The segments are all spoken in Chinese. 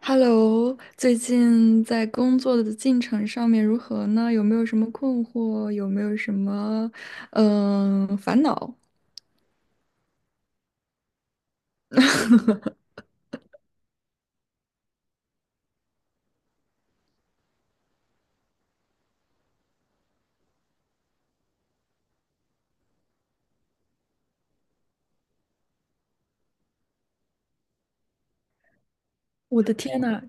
Hello，最近在工作的进程上面如何呢？有没有什么困惑？有没有什么烦恼？我的天呐，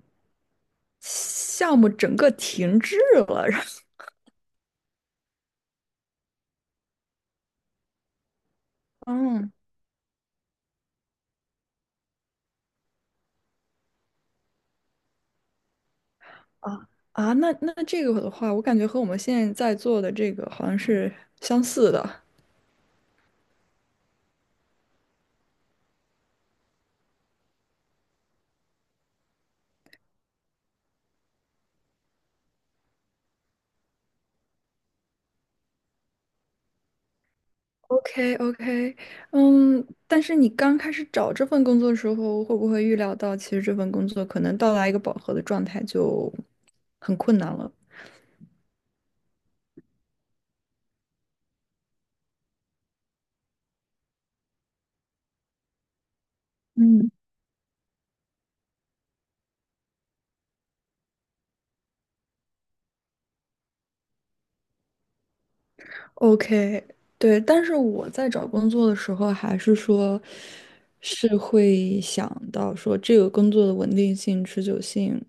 项目整个停滞了。然后嗯，啊啊，那这个的话，我感觉和我们现在在做的这个好像是相似的。OK OK，嗯，但是你刚开始找这份工作的时候，会不会预料到其实这份工作可能到达一个饱和的状态就很困难了？嗯。OK，对，但是我在找工作的时候，还是说，是会想到说这个工作的稳定性、持久性，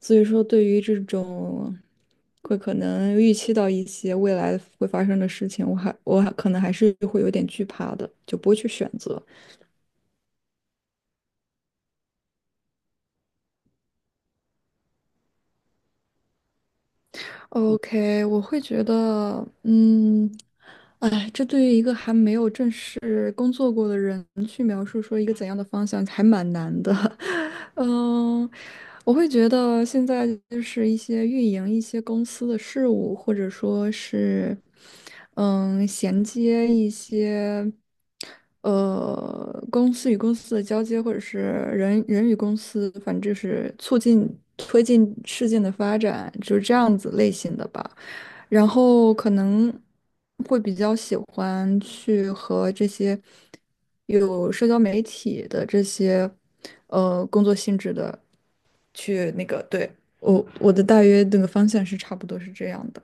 所以说对于这种会可能预期到一些未来会发生的事情，我还可能还是会有点惧怕的，就不会去选择。OK，我会觉得，哎，这对于一个还没有正式工作过的人去描述说一个怎样的方向，还蛮难的。嗯，我会觉得现在就是一些运营一些公司的事务，或者说是，衔接一些。公司与公司的交接，或者是人与公司，反正就是促进推进事件的发展，就是这样子类型的吧。然后可能会比较喜欢去和这些有社交媒体的这些工作性质的去那个，对，我的大约那个方向是差不多是这样的。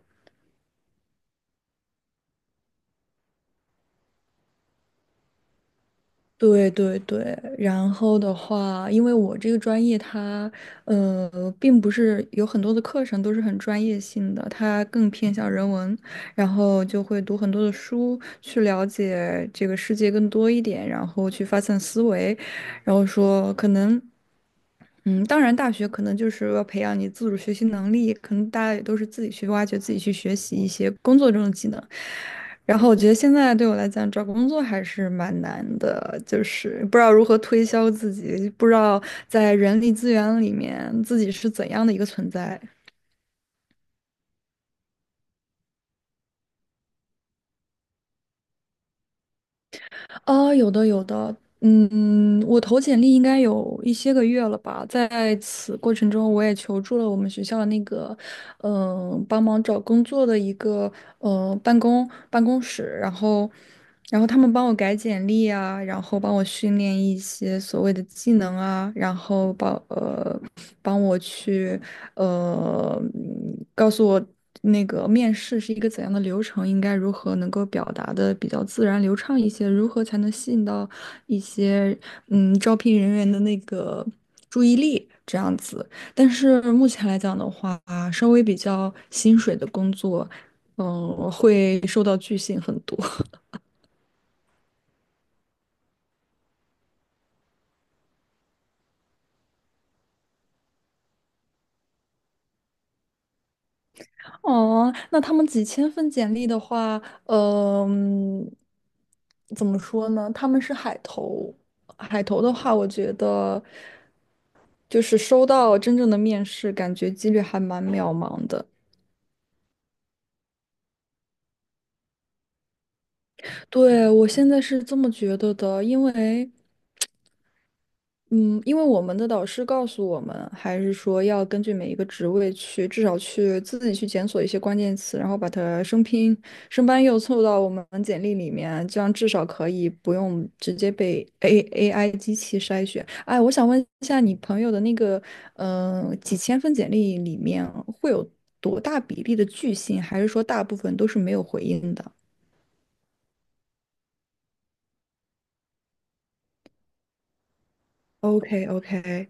对对对，然后的话，因为我这个专业它，并不是有很多的课程都是很专业性的，它更偏向人文，然后就会读很多的书去了解这个世界更多一点，然后去发散思维，然后说可能。当然，大学可能就是要培养你自主学习能力，可能大家也都是自己去挖掘、自己去学习一些工作中的技能。然后我觉得现在对我来讲，找工作还是蛮难的，就是不知道如何推销自己，不知道在人力资源里面自己是怎样的一个存在。啊，有的有的，我投简历应该有一些个月了吧，在此过程中，我也求助了我们学校的那个，帮忙找工作的一个，办公室，然后，他们帮我改简历啊，然后帮我训练一些所谓的技能啊，然后帮我去告诉我。那个面试是一个怎样的流程，应该如何能够表达的比较自然流畅一些，如何才能吸引到一些招聘人员的那个注意力这样子。但是目前来讲的话，稍微比较薪水的工作，会受到拒信很多。哦，那他们几千份简历的话，嗯、怎么说呢？他们是海投，海投的话，我觉得就是收到真正的面试，感觉几率还蛮渺茫的。对，我现在是这么觉得的，因为。嗯，因为我们的导师告诉我们，还是说要根据每一个职位去，至少去自己去检索一些关键词，然后把它生拼、生搬硬凑到我们简历里面，这样至少可以不用直接被 AI 机器筛选。哎，我想问一下，你朋友的那个，几千份简历里面会有多大比例的拒信，还是说大部分都是没有回应的？OK OK，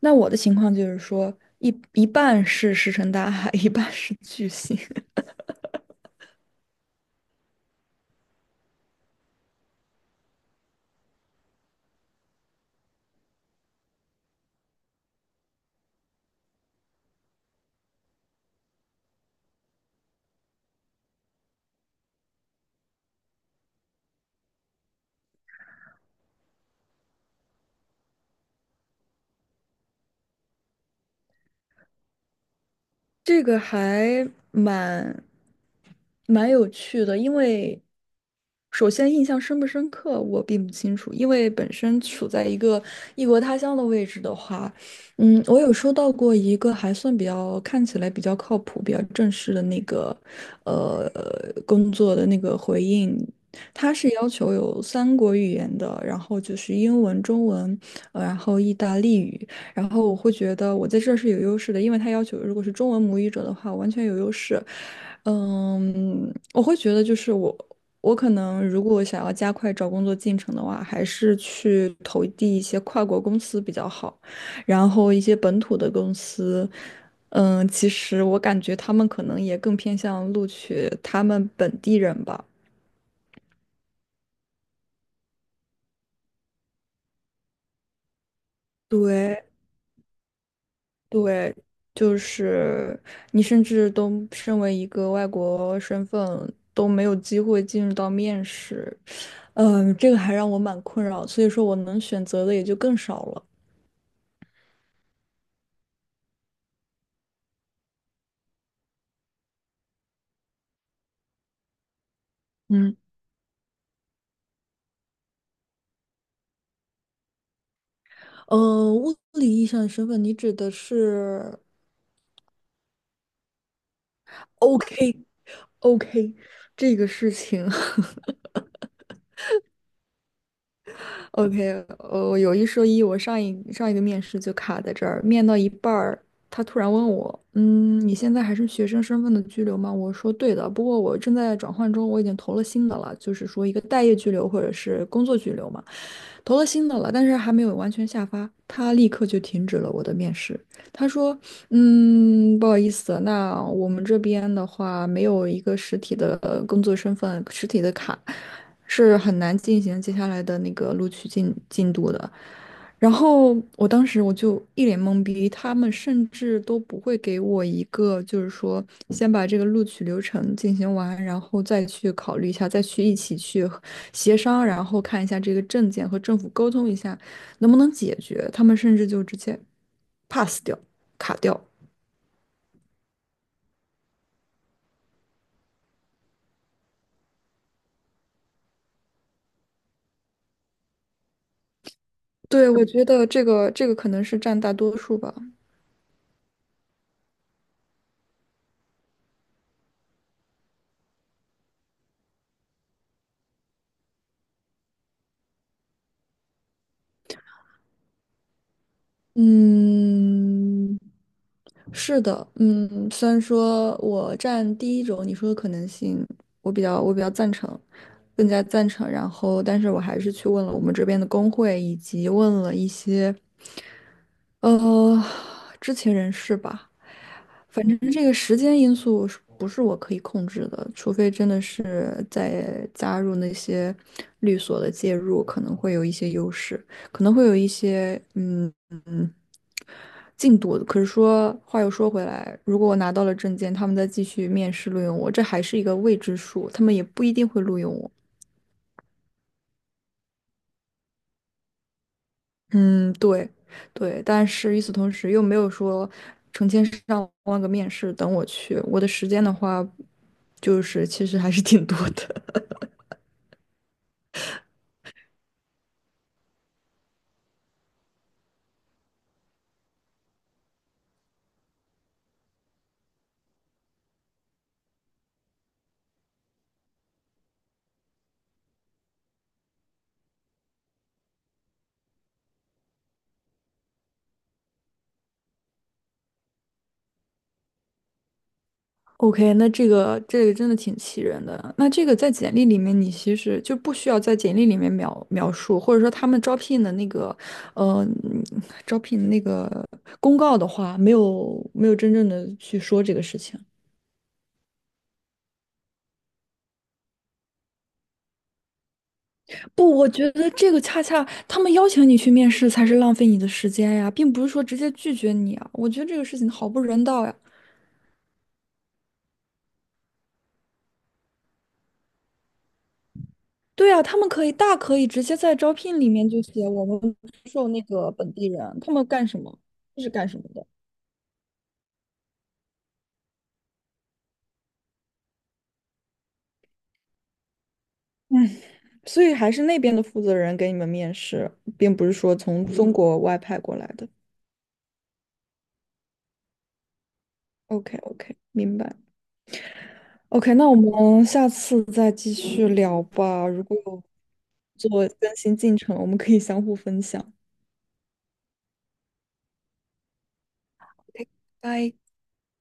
那我的情况就是说，一半是石沉大海，一半是巨星。这个还蛮有趣的，因为首先印象深不深刻我并不清楚，因为本身处在一个异国他乡的位置的话，我有收到过一个还算比较看起来比较靠谱、比较正式的那个呃工作的那个回应，他是要求有三国语言的，然后就是英文、中文，然后意大利语。然后我会觉得我在这儿是有优势的，因为他要求如果是中文母语者的话，我完全有优势。我会觉得就是我可能如果想要加快找工作进程的话，还是去投递一些跨国公司比较好，然后一些本土的公司。其实我感觉他们可能也更偏向录取他们本地人吧。对，对，就是你甚至都身为一个外国身份都没有机会进入到面试，这个还让我蛮困扰，所以说我能选择的也就更少了。嗯，物理意义上的身份，你指的是 OK OK 这个事情。OK，有一说一，我上一个面试就卡在这儿，面到一半儿，他突然问我，你现在还是学生身份的居留吗？我说对的，不过我正在转换中，我已经投了新的了，就是说一个待业居留或者是工作居留嘛，投了新的了，但是还没有完全下发，他立刻就停止了我的面试。他说：不好意思，那我们这边的话没有一个实体的工作身份、实体的卡，是很难进行接下来的那个录取进度的。”然后我当时我就一脸懵逼，他们甚至都不会给我一个，就是说先把这个录取流程进行完，然后再去考虑一下，再去一起去协商，然后看一下这个证件和政府沟通一下。能不能解决，他们甚至就直接 pass 掉、卡掉。对，我觉得这个可能是占大多数吧。嗯，是的，虽然说我占第一种你说的可能性，我比较赞成，更加赞成。然后，但是我还是去问了我们这边的工会，以及问了一些呃知情人士吧。觉得这个时间因素是不是我可以控制的？除非真的是在加入那些律所的介入，可能会有一些优势，可能会有一些嗯进度。可是说话又说回来，如果我拿到了证件，他们再继续面试录用我，这还是一个未知数，他们也不一定会录用我。嗯，对，对，但是与此同时又没有说成千上万个面试等我去，我的时间的话，就是其实还是挺多的。OK，那这个真的挺气人的。那这个在简历里面，你其实就不需要在简历里面描述，或者说他们招聘的那个，呃，嗯招聘那个公告的话，没有真正的去说这个事情。不，我觉得这个恰恰他们邀请你去面试才是浪费你的时间呀，并不是说直接拒绝你啊。我觉得这个事情好不人道呀。对呀，他们可以大可以直接在招聘里面就写我们是干什么的，所以还是那边的负责人给你们面试，并不是说从中国外派过来的。OK OK，明白。OK，那我们下次再继续聊吧。如果有做更新进程，我们可以相互分享。OK，拜。